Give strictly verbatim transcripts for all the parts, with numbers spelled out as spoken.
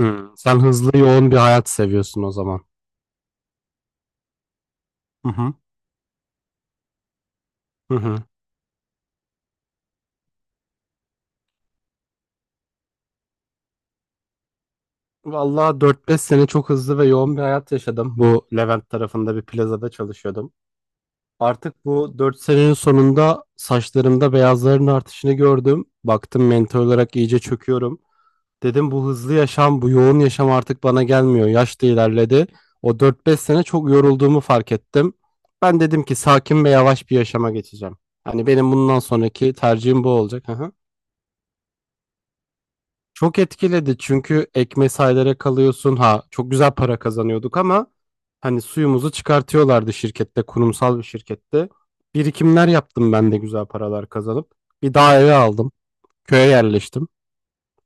Hımm. Sen hızlı, yoğun bir hayat seviyorsun o zaman. Hı hı. Hı hı. Vallahi dört beş sene çok hızlı ve yoğun bir hayat yaşadım. Bu Levent tarafında bir plazada çalışıyordum. Artık bu dört senenin sonunda saçlarımda beyazların artışını gördüm. Baktım mental olarak iyice çöküyorum. Dedim bu hızlı yaşam, bu yoğun yaşam artık bana gelmiyor. Yaş da ilerledi. O dört beş sene çok yorulduğumu fark ettim. Ben dedim ki sakin ve yavaş bir yaşama geçeceğim. Hani benim bundan sonraki tercihim bu olacak. Hı. Çok etkiledi çünkü ekmeği saylara kalıyorsun. Ha çok güzel para kazanıyorduk ama hani suyumuzu çıkartıyorlardı şirkette, kurumsal bir şirkette. Birikimler yaptım ben de güzel paralar kazanıp. Bir daha eve aldım. Köye yerleştim.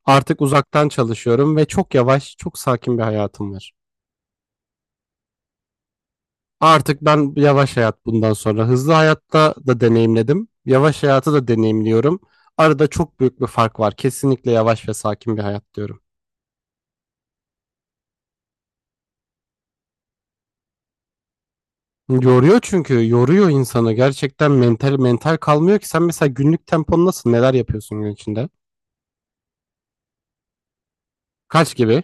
Artık uzaktan çalışıyorum ve çok yavaş, çok sakin bir hayatım var. Artık ben yavaş hayat bundan sonra. Hızlı hayatta da deneyimledim. Yavaş hayatı da deneyimliyorum. Arada çok büyük bir fark var. Kesinlikle yavaş ve sakin bir hayat diyorum. Yoruyor, çünkü yoruyor insanı gerçekten, mental mental kalmıyor ki. Sen mesela günlük tempon nasıl, neler yapıyorsun gün içinde? Kaç gibi?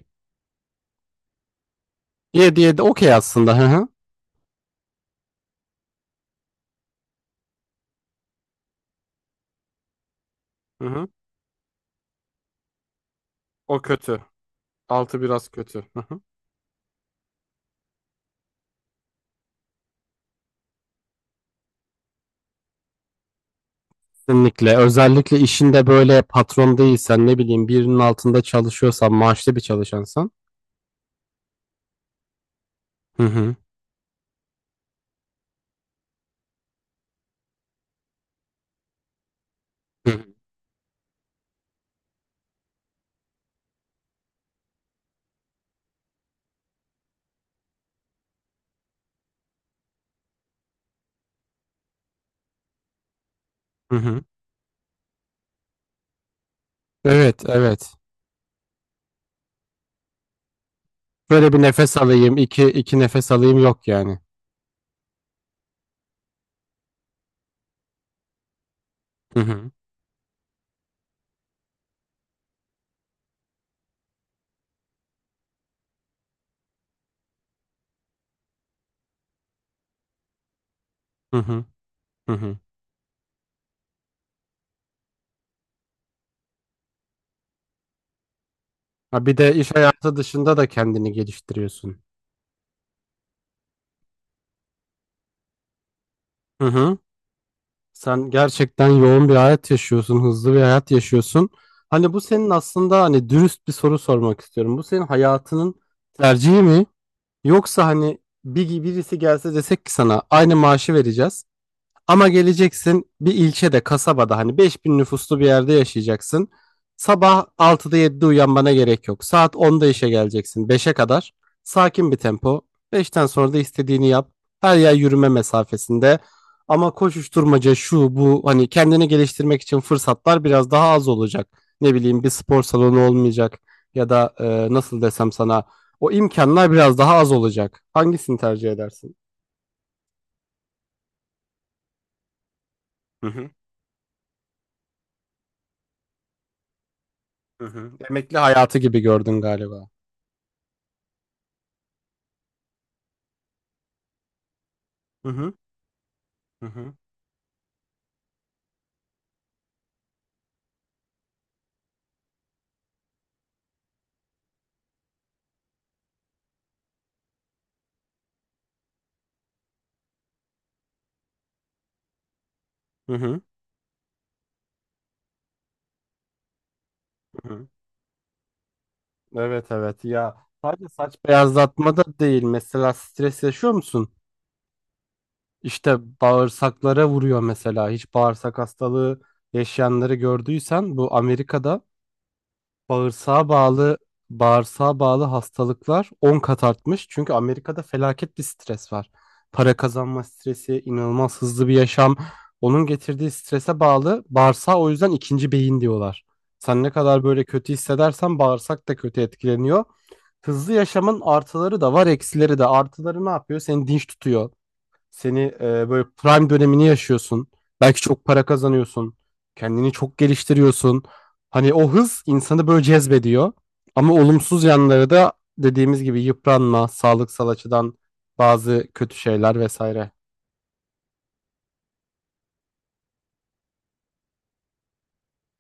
yedi yedi okey aslında, hı hı. Hı hı. O kötü. Altı biraz kötü. Hı hı. Kesinlikle, özellikle işinde böyle patron değilsen, ne bileyim birinin altında çalışıyorsan, maaşlı bir çalışansan. Hı hı. Hı hı. Hı hı. Evet evet. Böyle bir nefes alayım, iki iki nefes alayım yok yani. Hı hı. Hı hı. Hı hı. Ha, bir de iş hayatı dışında da kendini geliştiriyorsun. Hı hı. Sen gerçekten yoğun bir hayat yaşıyorsun, hızlı bir hayat yaşıyorsun. Hani bu senin, aslında hani dürüst bir soru sormak istiyorum. Bu senin hayatının tercihi mi? Yoksa hani bir birisi gelse desek ki sana aynı maaşı vereceğiz. Ama geleceksin bir ilçede, kasabada, hani beş bin nüfuslu bir yerde yaşayacaksın. Sabah altıda yedide uyanmana gerek yok. Saat onda işe geleceksin, beşe kadar. Sakin bir tempo. Beşten sonra da istediğini yap. Her yer yürüme mesafesinde. Ama koşuşturmaca şu bu, hani kendini geliştirmek için fırsatlar biraz daha az olacak. Ne bileyim, bir spor salonu olmayacak, ya da e, nasıl desem sana, o imkanlar biraz daha az olacak. Hangisini tercih edersin? Hı hı. Hı hı. Emekli hayatı gibi gördün galiba. Hı hı. Hı hı. Hı hı. Hı hı. Evet evet ya, sadece saç beyazlatma da değil, mesela stres yaşıyor musun? İşte bağırsaklara vuruyor mesela. Hiç bağırsak hastalığı yaşayanları gördüysen bu Amerika'da. Bağırsağa bağlı bağırsağa bağlı hastalıklar on kat artmış. Çünkü Amerika'da felaket bir stres var. Para kazanma stresi, inanılmaz hızlı bir yaşam. Onun getirdiği strese bağlı bağırsağa, o yüzden ikinci beyin diyorlar. Sen ne kadar böyle kötü hissedersen, bağırsak da kötü etkileniyor. Hızlı yaşamın artıları da var, eksileri de. Artıları ne yapıyor? Seni dinç tutuyor. Seni e, böyle prime dönemini yaşıyorsun. Belki çok para kazanıyorsun. Kendini çok geliştiriyorsun. Hani o hız insanı böyle cezbediyor. Ama olumsuz yanları da, dediğimiz gibi, yıpranma, sağlıksal açıdan bazı kötü şeyler vesaire.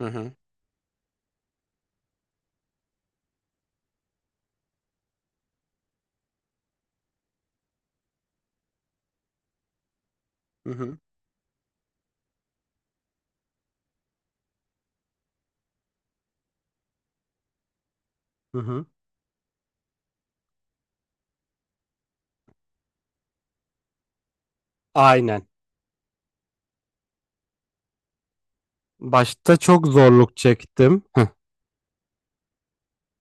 Hı hı. Hı hı. Hı hı. Aynen. Başta çok zorluk çektim. Heh.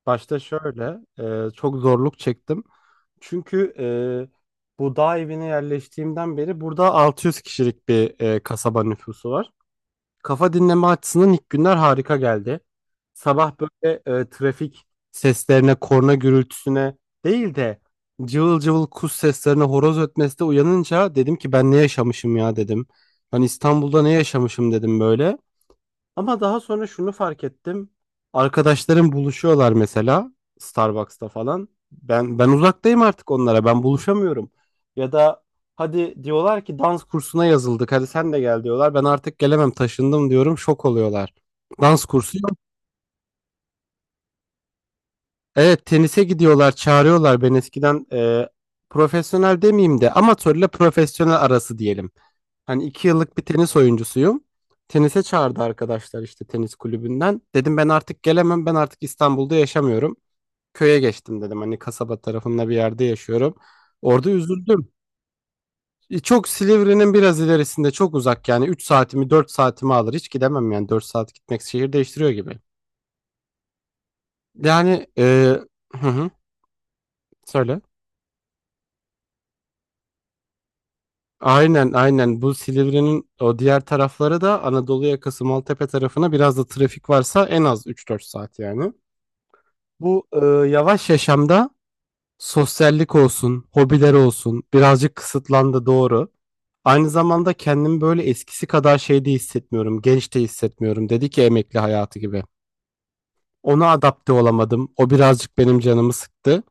Başta şöyle, e, çok zorluk çektim. Çünkü e, bu dağ evine yerleştiğimden beri, burada altı yüz kişilik bir e, kasaba nüfusu var. Kafa dinleme açısından ilk günler harika geldi. Sabah böyle e, trafik seslerine, korna gürültüsüne değil de, cıvıl cıvıl kuş seslerine, horoz ötmesine uyanınca dedim ki, ben ne yaşamışım ya, dedim. Hani İstanbul'da ne yaşamışım dedim böyle. Ama daha sonra şunu fark ettim. Arkadaşlarım buluşuyorlar mesela Starbucks'ta falan. Ben ben uzaktayım artık onlara. Ben buluşamıyorum. Ya da hadi diyorlar ki dans kursuna yazıldık, hadi sen de gel diyorlar. Ben artık gelemem, taşındım diyorum. Şok oluyorlar. Dans kursu yok. Evet, tenise gidiyorlar, çağırıyorlar. Ben eskiden, e, profesyonel demeyeyim de, amatörle profesyonel arası diyelim, hani iki yıllık bir tenis oyuncusuyum. Tenise çağırdı arkadaşlar işte, tenis kulübünden. Dedim ben artık gelemem. Ben artık İstanbul'da yaşamıyorum. Köye geçtim dedim. Hani kasaba tarafında bir yerde yaşıyorum. Orada üzüldüm. E, Çok, Silivri'nin biraz ilerisinde, çok uzak yani. üç saatimi dört saatimi alır. Hiç gidemem yani, dört saat gitmek şehir değiştiriyor gibi. Yani e, hı hı, söyle. Aynen aynen, bu Silivri'nin o diğer tarafları da, Anadolu yakası Maltepe tarafına, biraz da trafik varsa en az üç dört saat yani. Bu e, yavaş yaşamda sosyallik olsun, hobiler olsun birazcık kısıtlandı, doğru. Aynı zamanda kendimi böyle eskisi kadar şeyde hissetmiyorum, genç de hissetmiyorum. Dedi ki emekli hayatı gibi. Ona adapte olamadım. O birazcık benim canımı sıktı.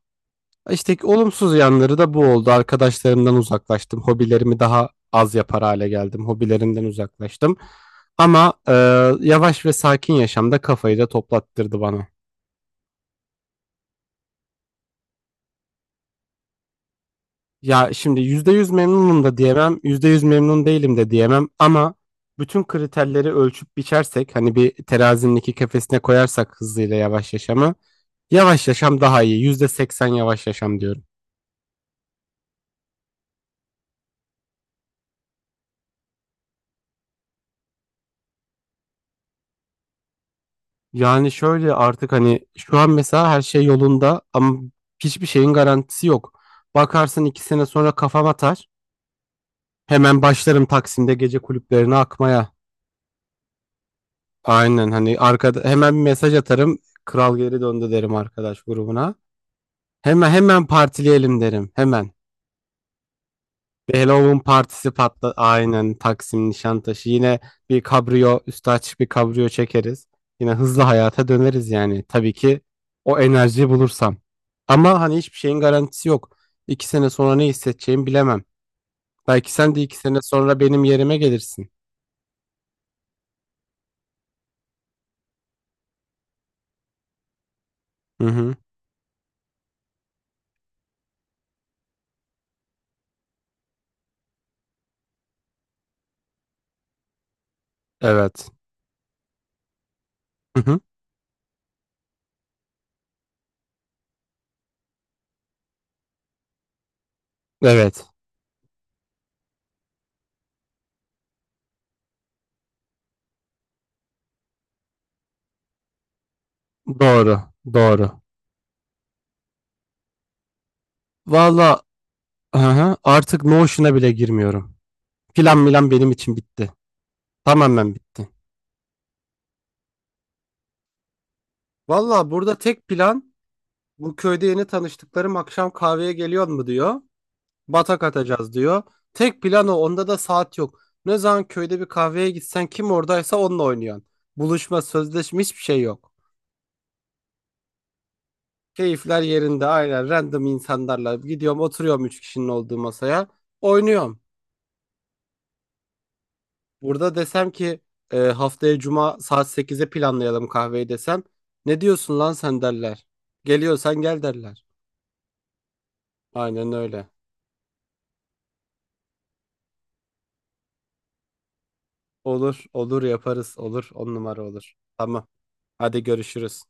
İşte ki olumsuz yanları da bu oldu. Arkadaşlarımdan uzaklaştım. Hobilerimi daha az yapar hale geldim. Hobilerimden uzaklaştım. Ama e, yavaş ve sakin yaşamda, kafayı da toplattırdı bana. Ya şimdi yüzde yüz memnunum da diyemem, yüzde yüz memnun değilim de diyemem, ama bütün kriterleri ölçüp biçersek, hani bir terazinin iki kefesine koyarsak hızlıyla yavaş yaşamı, yavaş yaşam daha iyi. Yüzde seksen yavaş yaşam diyorum. Yani şöyle, artık hani şu an mesela her şey yolunda, ama hiçbir şeyin garantisi yok. Bakarsın iki sene sonra kafam atar. Hemen başlarım Taksim'de gece kulüplerine akmaya. Aynen, hani arkada hemen bir mesaj atarım. Kral geri döndü derim arkadaş grubuna. Hemen hemen partileyelim derim. Hemen. Bir Halloween partisi patla. Aynen, Taksim Nişantaşı. Yine bir kabriyo, üstü açık bir kabriyo çekeriz. Yine hızlı hayata döneriz yani. Tabii ki, o enerjiyi bulursam. Ama hani hiçbir şeyin garantisi yok. İki sene sonra ne hissedeceğimi bilemem. Belki sen de iki sene sonra benim yerime gelirsin. Hı hı. Evet. Hı hı. Evet. Doğru. Doğru. Valla, hı hı. Artık Notion'a bile girmiyorum. Plan milan benim için bitti. Tamamen bitti. Valla, burada tek plan, bu köyde yeni tanıştıklarım akşam kahveye geliyor mu diyor. Batak atacağız diyor. Tek plan o. Onda da saat yok. Ne zaman köyde bir kahveye gitsen, kim oradaysa onunla oynuyorsun. Buluşma, sözleşme hiçbir şey yok. Keyifler yerinde, aynen random insanlarla gidiyorum oturuyorum üç kişinin olduğu masaya. Oynuyorum. Burada desem ki e, haftaya cuma saat sekize planlayalım kahveyi desem, ne diyorsun lan sen derler. Geliyorsan gel derler. Aynen öyle. Olur, olur, yaparız, olur. On numara olur. Tamam. Hadi görüşürüz.